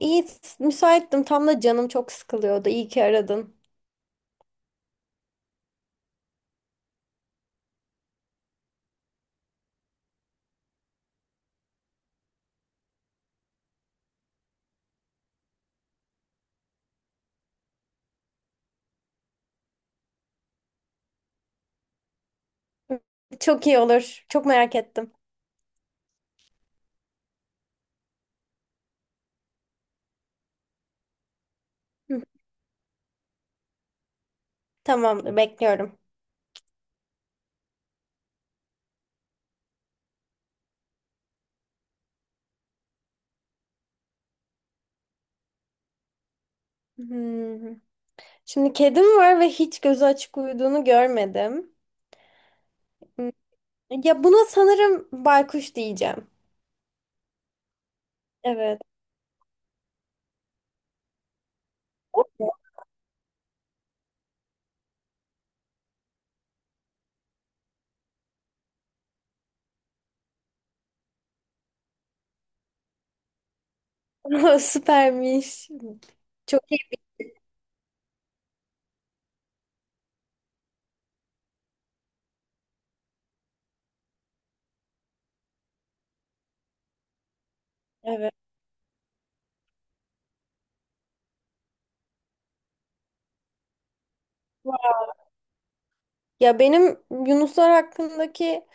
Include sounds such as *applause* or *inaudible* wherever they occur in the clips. İyi, müsaittim. Tam da canım çok sıkılıyordu. İyi ki aradın. Çok iyi olur. Çok merak ettim. Hı, tamamdır, bekliyorum. Hmm. Şimdi kedim var ve hiç gözü açık uyuduğunu görmedim. Hmm, ya buna sanırım baykuş diyeceğim. Evet. *laughs* Süpermiş. Çok iyi. Evet. Ya benim Yunuslar hakkındaki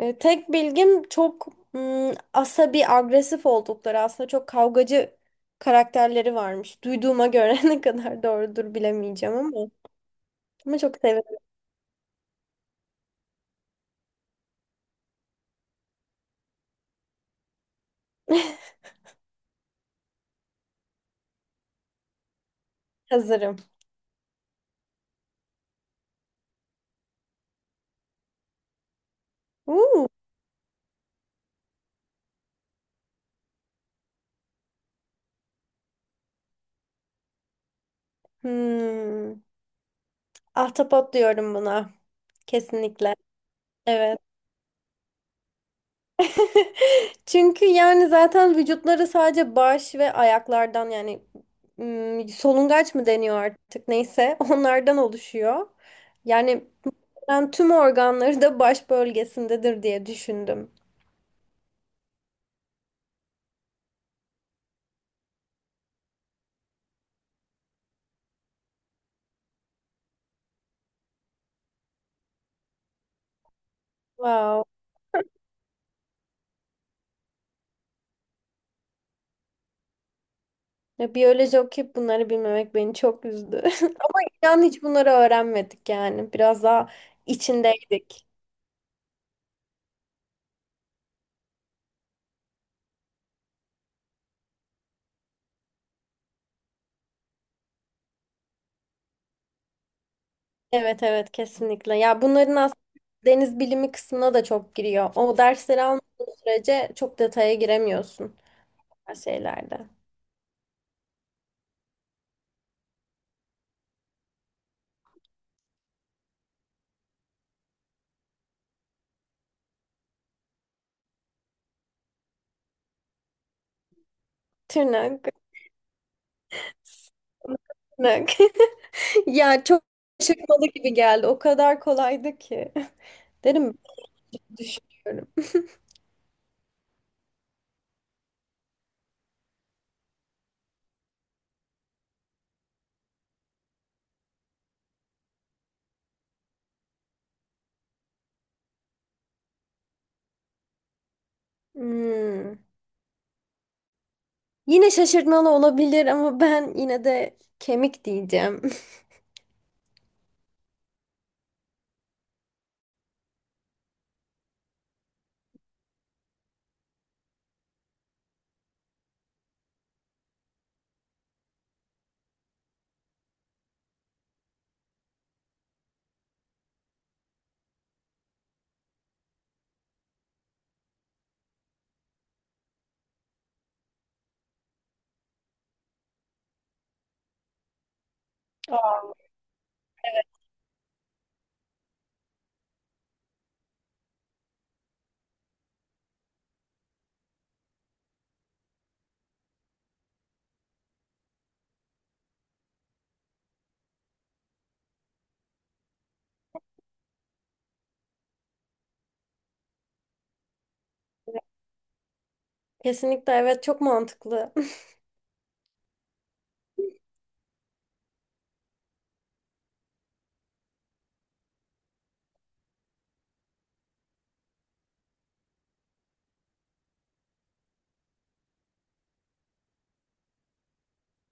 Tek bilgim çok asabi, agresif oldukları, aslında çok kavgacı karakterleri varmış. Duyduğuma göre *laughs* ne kadar doğrudur bilemeyeceğim ama. Ama çok severim. Hazırım. Uuu. Hmm. Ahtapot diyorum buna. Kesinlikle. Evet. *laughs* Çünkü yani zaten vücutları sadece baş ve ayaklardan, yani solungaç mı deniyor artık, neyse *laughs* onlardan oluşuyor. Yani ben tüm organları da baş bölgesindedir diye düşündüm. Wow. Ya biyoloji okuyup bunları bilmemek beni çok üzdü. *laughs* Ama inan hiç bunları öğrenmedik yani. Biraz daha içindeydik. Evet, evet, kesinlikle. Ya bunların aslında deniz bilimi kısmına da çok giriyor. O dersleri almadığın sürece çok detaya giremiyorsun her şeylerde. Tırnak, tırnak. *laughs* Ya çok şaşırtmalı gibi geldi. O kadar kolaydı ki. *laughs* Derim düşünüyorum. *laughs* Hmm. Yine şaşırtmalı olabilir ama ben yine de kemik diyeceğim. *laughs* Aa. Kesinlikle evet, çok mantıklı.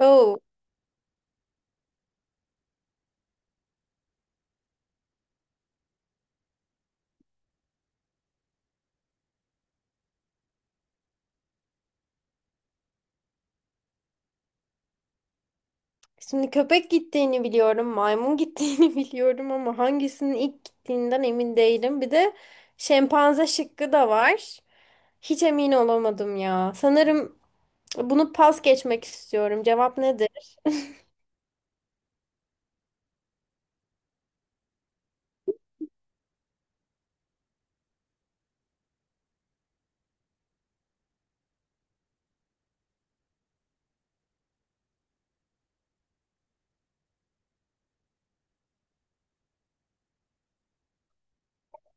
*laughs* Oh. Şimdi köpek gittiğini biliyorum, maymun gittiğini *laughs* biliyorum ama hangisinin ilk gittiğinden emin değilim. Bir de şempanze şıkkı da var. Hiç emin olamadım ya. Sanırım bunu pas geçmek istiyorum. Cevap nedir?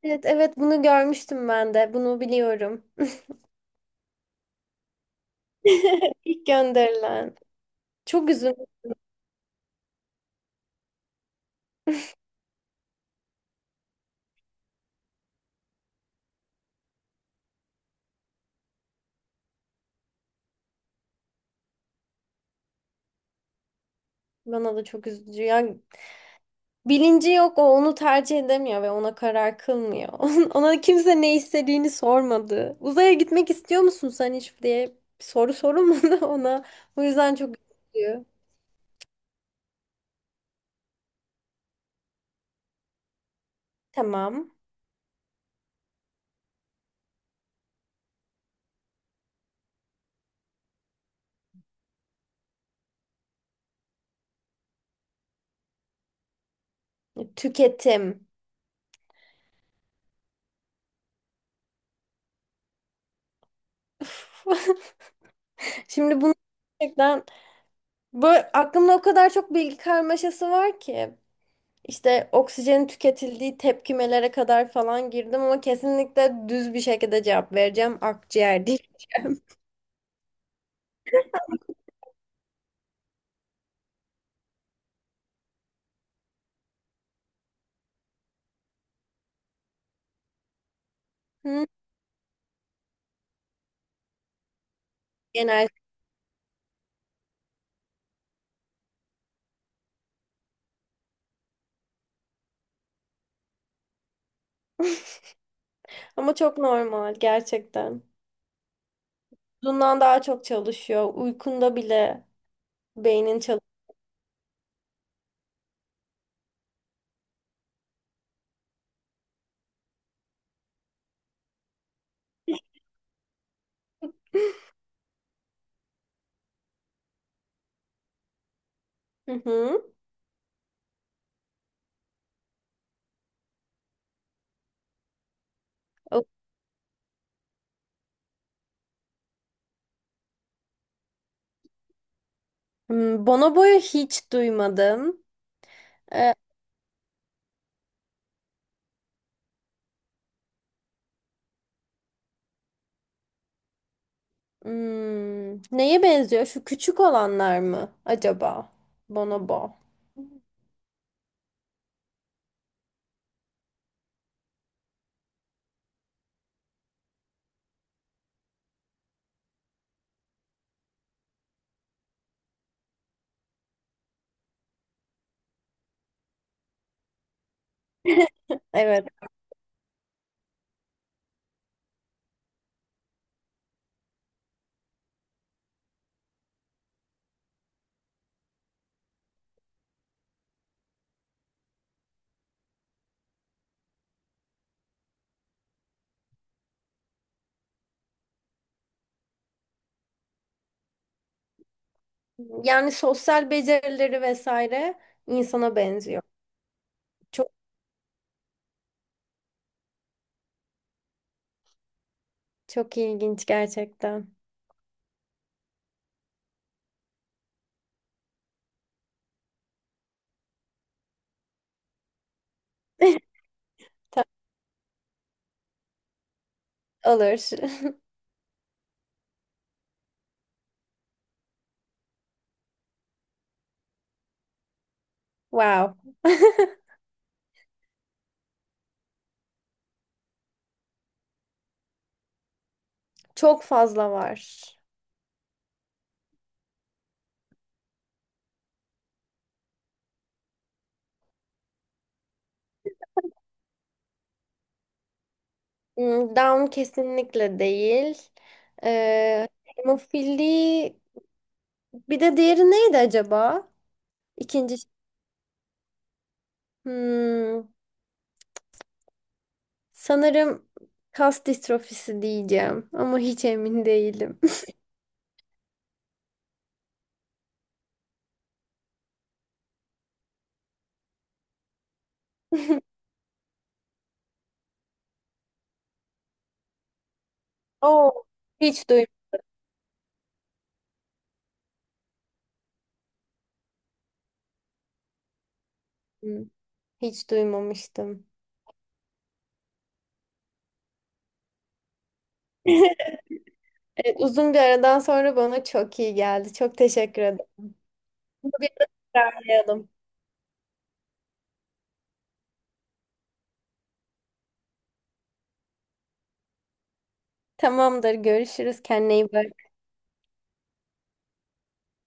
Evet, evet, bunu görmüştüm ben de. Bunu biliyorum. *laughs* İlk gönderilen. Çok üzüldüm. Bana da çok üzücü ya. Bilinci yok, o onu tercih edemiyor ve ona karar kılmıyor. *laughs* Ona kimse ne istediğini sormadı. Uzaya gitmek istiyor musun sen hiç diye bir soru sorulmadı *laughs* ona. O yüzden çok üzülüyor. Tamam. Tüketim. Üf. *laughs* Şimdi bunu gerçekten böyle aklımda o kadar çok bilgi karmaşası var ki. İşte oksijenin tüketildiği tepkimelere kadar falan girdim ama kesinlikle düz bir şekilde cevap vereceğim. Akciğer değil. *laughs* Hı? Genel. Ama çok normal gerçekten. Bundan daha çok çalışıyor. Uykunda bile beynin çalışıyor. Hı hı. O- Hmm, Bonobo'yu hiç duymadım. E, hmm, neye benziyor? Şu küçük olanlar mı acaba? Bonobo. *laughs* Evet. Yani sosyal becerileri vesaire insana benziyor. Çok çok ilginç gerçekten. *laughs* Olur. *laughs* Wow. *laughs* Çok fazla var. Hmm, Down kesinlikle değil. Hemofili, bir de diğeri neydi acaba? İkinci ş- hmm, sanırım kas distrofisi diyeceğim ama hiç emin değilim. *laughs* Oo, hiç duymadım. Hiç duymamıştım. *laughs* Evet, uzun bir aradan sonra bana çok iyi geldi. Çok teşekkür ederim. Bunu bir ara tekrarlayalım. Tamamdır, görüşürüz. Kendine iyi bak.